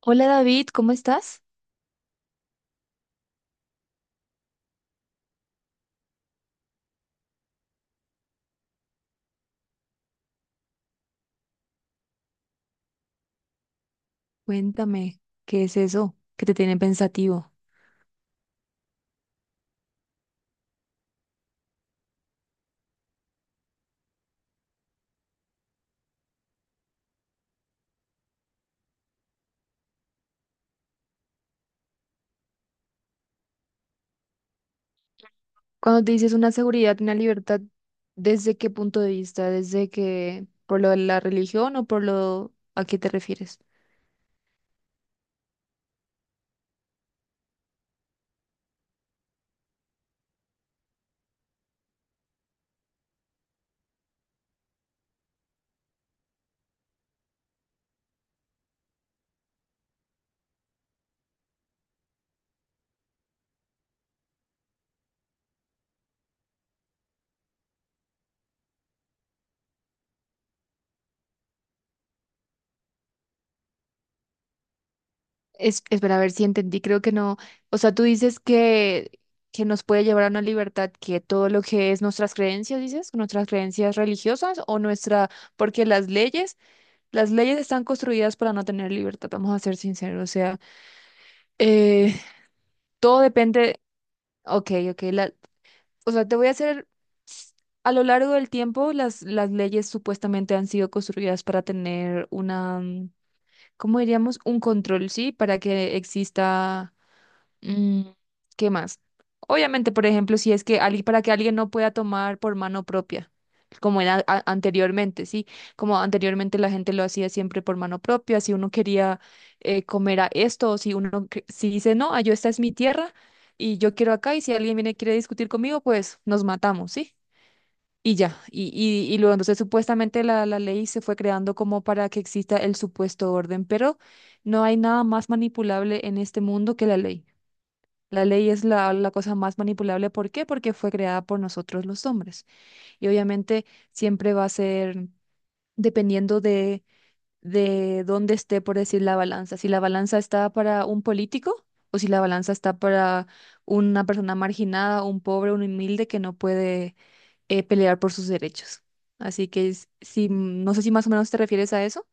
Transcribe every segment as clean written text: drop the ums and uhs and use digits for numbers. Hola David, ¿cómo estás? Cuéntame, ¿qué es eso que te tiene pensativo? Cuando te dices una seguridad, una libertad, ¿desde qué punto de vista? ¿Desde que por lo de la religión o por lo a qué te refieres? Espera, a ver si entendí, creo que no. O sea, tú dices que nos puede llevar a una libertad que todo lo que es nuestras creencias, dices, nuestras creencias religiosas o nuestra, porque las leyes están construidas para no tener libertad, vamos a ser sinceros, o sea, eh, todo depende. Ok, ok. La, o sea, te voy a hacer, a lo largo del tiempo, las leyes supuestamente han sido construidas para tener una, ¿cómo diríamos? Un control, ¿sí? Para que exista. Mm, ¿qué más? Obviamente, por ejemplo, si es que alguien, para que alguien no pueda tomar por mano propia, como era anteriormente, ¿sí? Como anteriormente la gente lo hacía siempre por mano propia, si uno quería comer a esto, o si uno, si dice, no, ah, yo esta es mi tierra y yo quiero acá, y si alguien viene y quiere discutir conmigo, pues nos matamos, ¿sí? Y ya, y luego entonces supuestamente la ley se fue creando como para que exista el supuesto orden, pero no hay nada más manipulable en este mundo que la ley. La ley es la cosa más manipulable. ¿Por qué? Porque fue creada por nosotros los hombres. Y obviamente siempre va a ser dependiendo de dónde esté, por decir, la balanza. Si la balanza está para un político o si la balanza está para una persona marginada, un pobre, un humilde que no puede pelear por sus derechos. Así que si, no sé si más o menos te refieres a eso.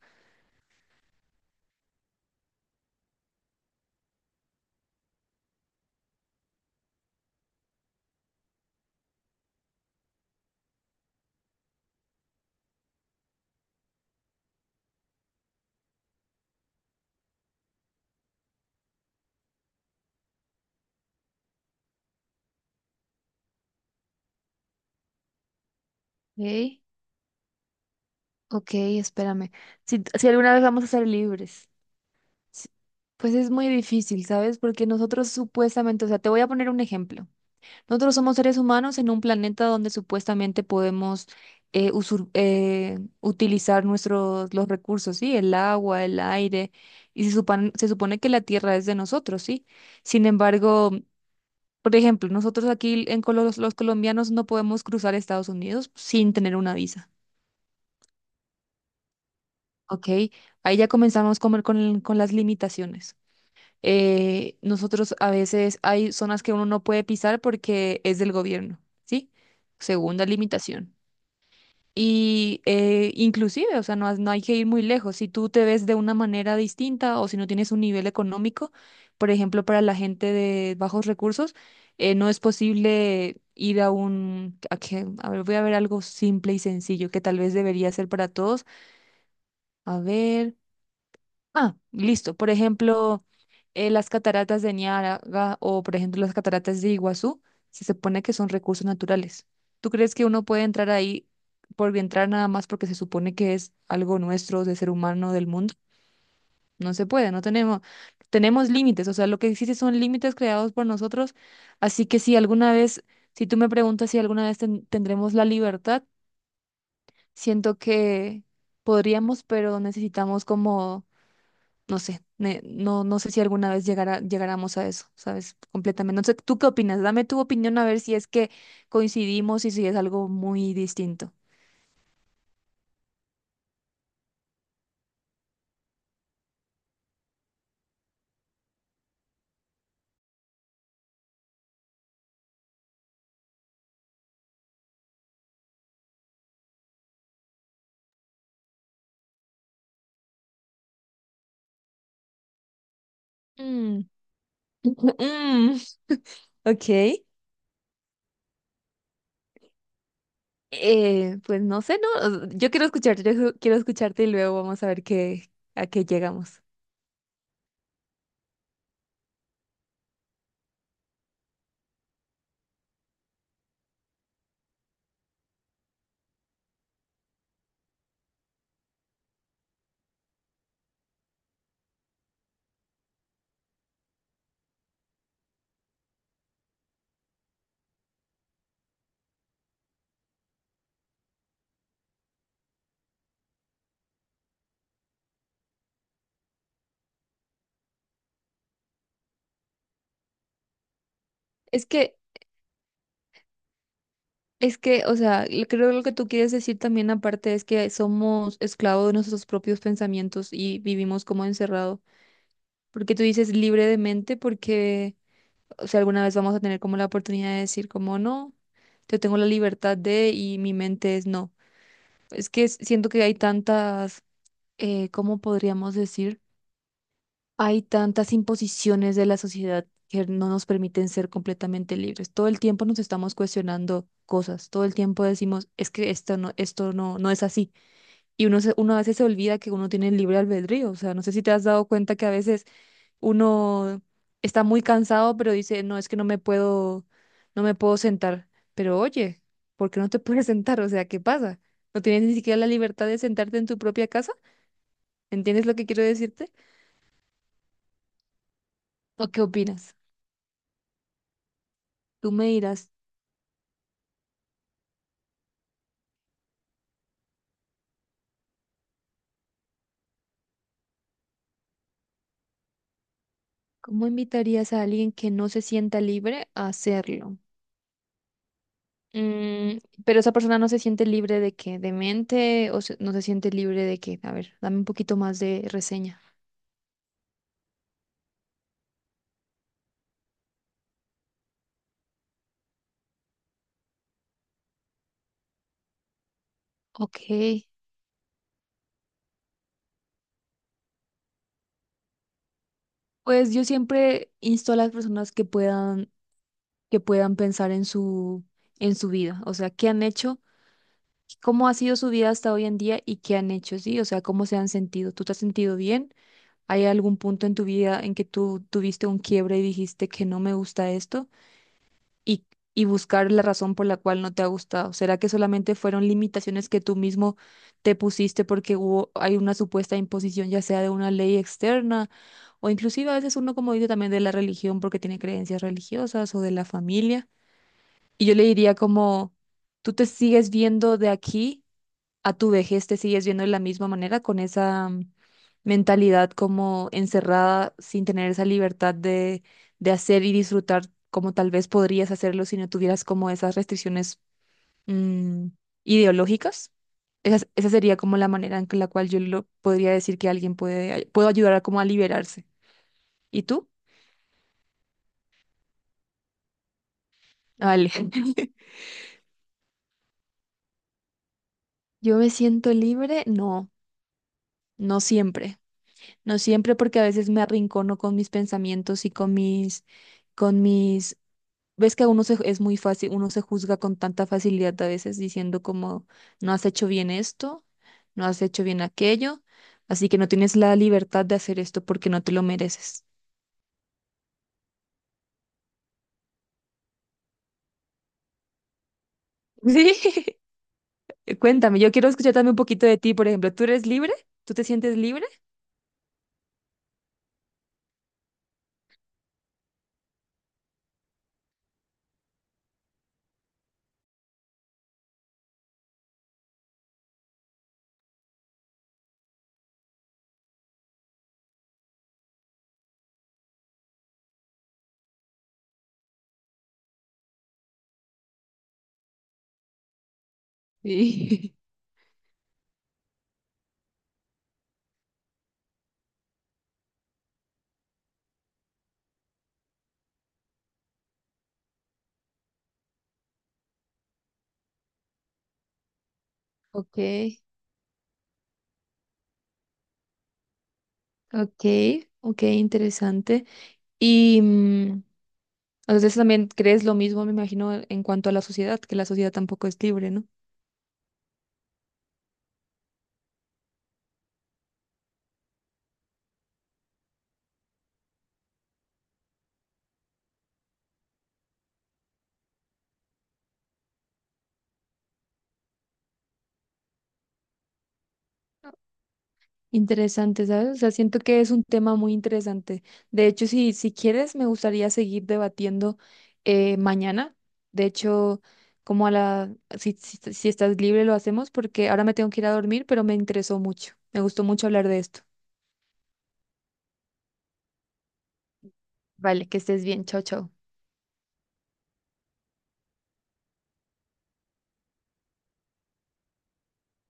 Ok, ok, espérame. Si, si alguna vez vamos a ser libres. S- Pues es muy difícil, ¿sabes? Porque nosotros supuestamente, o sea, te voy a poner un ejemplo. Nosotros somos seres humanos en un planeta donde supuestamente podemos utilizar nuestros los recursos, ¿sí? El agua, el aire, y se supone que la tierra es de nosotros, ¿sí? Sin embargo, por ejemplo, nosotros aquí en los colombianos no podemos cruzar Estados Unidos sin tener una visa, ¿ok? Ahí ya comenzamos con, con las limitaciones. Nosotros a veces hay zonas que uno no puede pisar porque es del gobierno, ¿sí? Segunda limitación. Y inclusive, o sea, no, no hay que ir muy lejos. Si tú te ves de una manera distinta o si no tienes un nivel económico, por ejemplo, para la gente de bajos recursos, no es posible ir a un... A, a ver, voy a ver algo simple y sencillo que tal vez debería ser para todos. A ver. Ah, listo. Por ejemplo, las cataratas de Niágara o, por ejemplo, las cataratas de Iguazú, se supone que son recursos naturales. ¿Tú crees que uno puede entrar ahí por entrar nada más porque se supone que es algo nuestro, de ser humano, del mundo? No se puede, no tenemos, tenemos límites. O sea, lo que existe son límites creados por nosotros. Así que si alguna vez, si tú me preguntas si alguna vez tendremos la libertad, siento que podríamos, pero necesitamos como no sé, no sé si alguna vez llegara, llegáramos a eso, ¿sabes? Completamente. No sé, ¿tú qué opinas? Dame tu opinión a ver si es que coincidimos y si es algo muy distinto. Mm, mm, ok. Pues no sé, ¿no? Yo quiero escucharte, quiero escucharte y luego vamos a ver qué, a qué llegamos. Es que, o sea, creo que lo que tú quieres decir también aparte es que somos esclavos de nuestros propios pensamientos y vivimos como encerrado. Porque tú dices libre de mente, porque si alguna vez vamos a tener como la oportunidad de decir como no, yo tengo la libertad de y mi mente es no. Es que siento que hay tantas, ¿cómo podríamos decir? Hay tantas imposiciones de la sociedad que no nos permiten ser completamente libres. Todo el tiempo nos estamos cuestionando cosas, todo el tiempo decimos, es que esto no, no es así. Y uno, uno a veces se olvida que uno tiene libre albedrío. O sea, no sé si te has dado cuenta que a veces uno está muy cansado, pero dice, no, es que no me puedo, no me puedo sentar. Pero oye, ¿por qué no te puedes sentar? O sea, ¿qué pasa? ¿No tienes ni siquiera la libertad de sentarte en tu propia casa? ¿Entiendes lo que quiero decirte? ¿O qué opinas? Tú me dirás, ¿cómo invitarías a alguien que no se sienta libre a hacerlo? Mm, pero esa persona no se siente libre de qué, de mente o no se siente libre de qué. A ver, dame un poquito más de reseña. Ok. Pues yo siempre insto a las personas que puedan pensar en su vida, o sea, qué han hecho, cómo ha sido su vida hasta hoy en día y qué han hecho, sí, o sea, cómo se han sentido. ¿Tú te has sentido bien? ¿Hay algún punto en tu vida en que tú tuviste un quiebre y dijiste que no me gusta esto? Y, y buscar la razón por la cual no te ha gustado. ¿Será que solamente fueron limitaciones que tú mismo te pusiste porque hubo, hay una supuesta imposición, ya sea de una ley externa? O inclusive a veces uno, como dice, también de la religión porque tiene creencias religiosas o de la familia. Y yo le diría como, tú te sigues viendo de aquí a tu vejez, te sigues viendo de la misma manera, con esa mentalidad como encerrada, sin tener esa libertad de hacer y disfrutar como tal vez podrías hacerlo si no tuvieras como esas restricciones mm, ideológicas. Esa sería como la manera la cual yo lo podría decir que alguien puede, puedo ayudar a como a liberarse. ¿Y tú? Vale. Yo me siento libre, no, no siempre. No siempre, porque a veces me arrincono con mis pensamientos y con mis, ves que uno se, es muy fácil, uno se juzga con tanta facilidad a veces diciendo como, no has hecho bien esto, no has hecho bien aquello, así que no tienes la libertad de hacer esto porque no te lo mereces. Sí. Cuéntame, yo quiero escuchar también un poquito de ti, por ejemplo, ¿tú eres libre? ¿Tú te sientes libre? Sí. Ok, ok, ok, interesante. Y, entonces también crees lo mismo, me imagino, en cuanto a la sociedad, que la sociedad tampoco es libre, ¿no? Interesante, ¿sabes? O sea, siento que es un tema muy interesante. De hecho, si, si quieres, me gustaría seguir debatiendo mañana. De hecho, como a la, si, si, si estás libre, lo hacemos porque ahora me tengo que ir a dormir, pero me interesó mucho. Me gustó mucho hablar de esto. Vale, que estés bien. Chao, chao.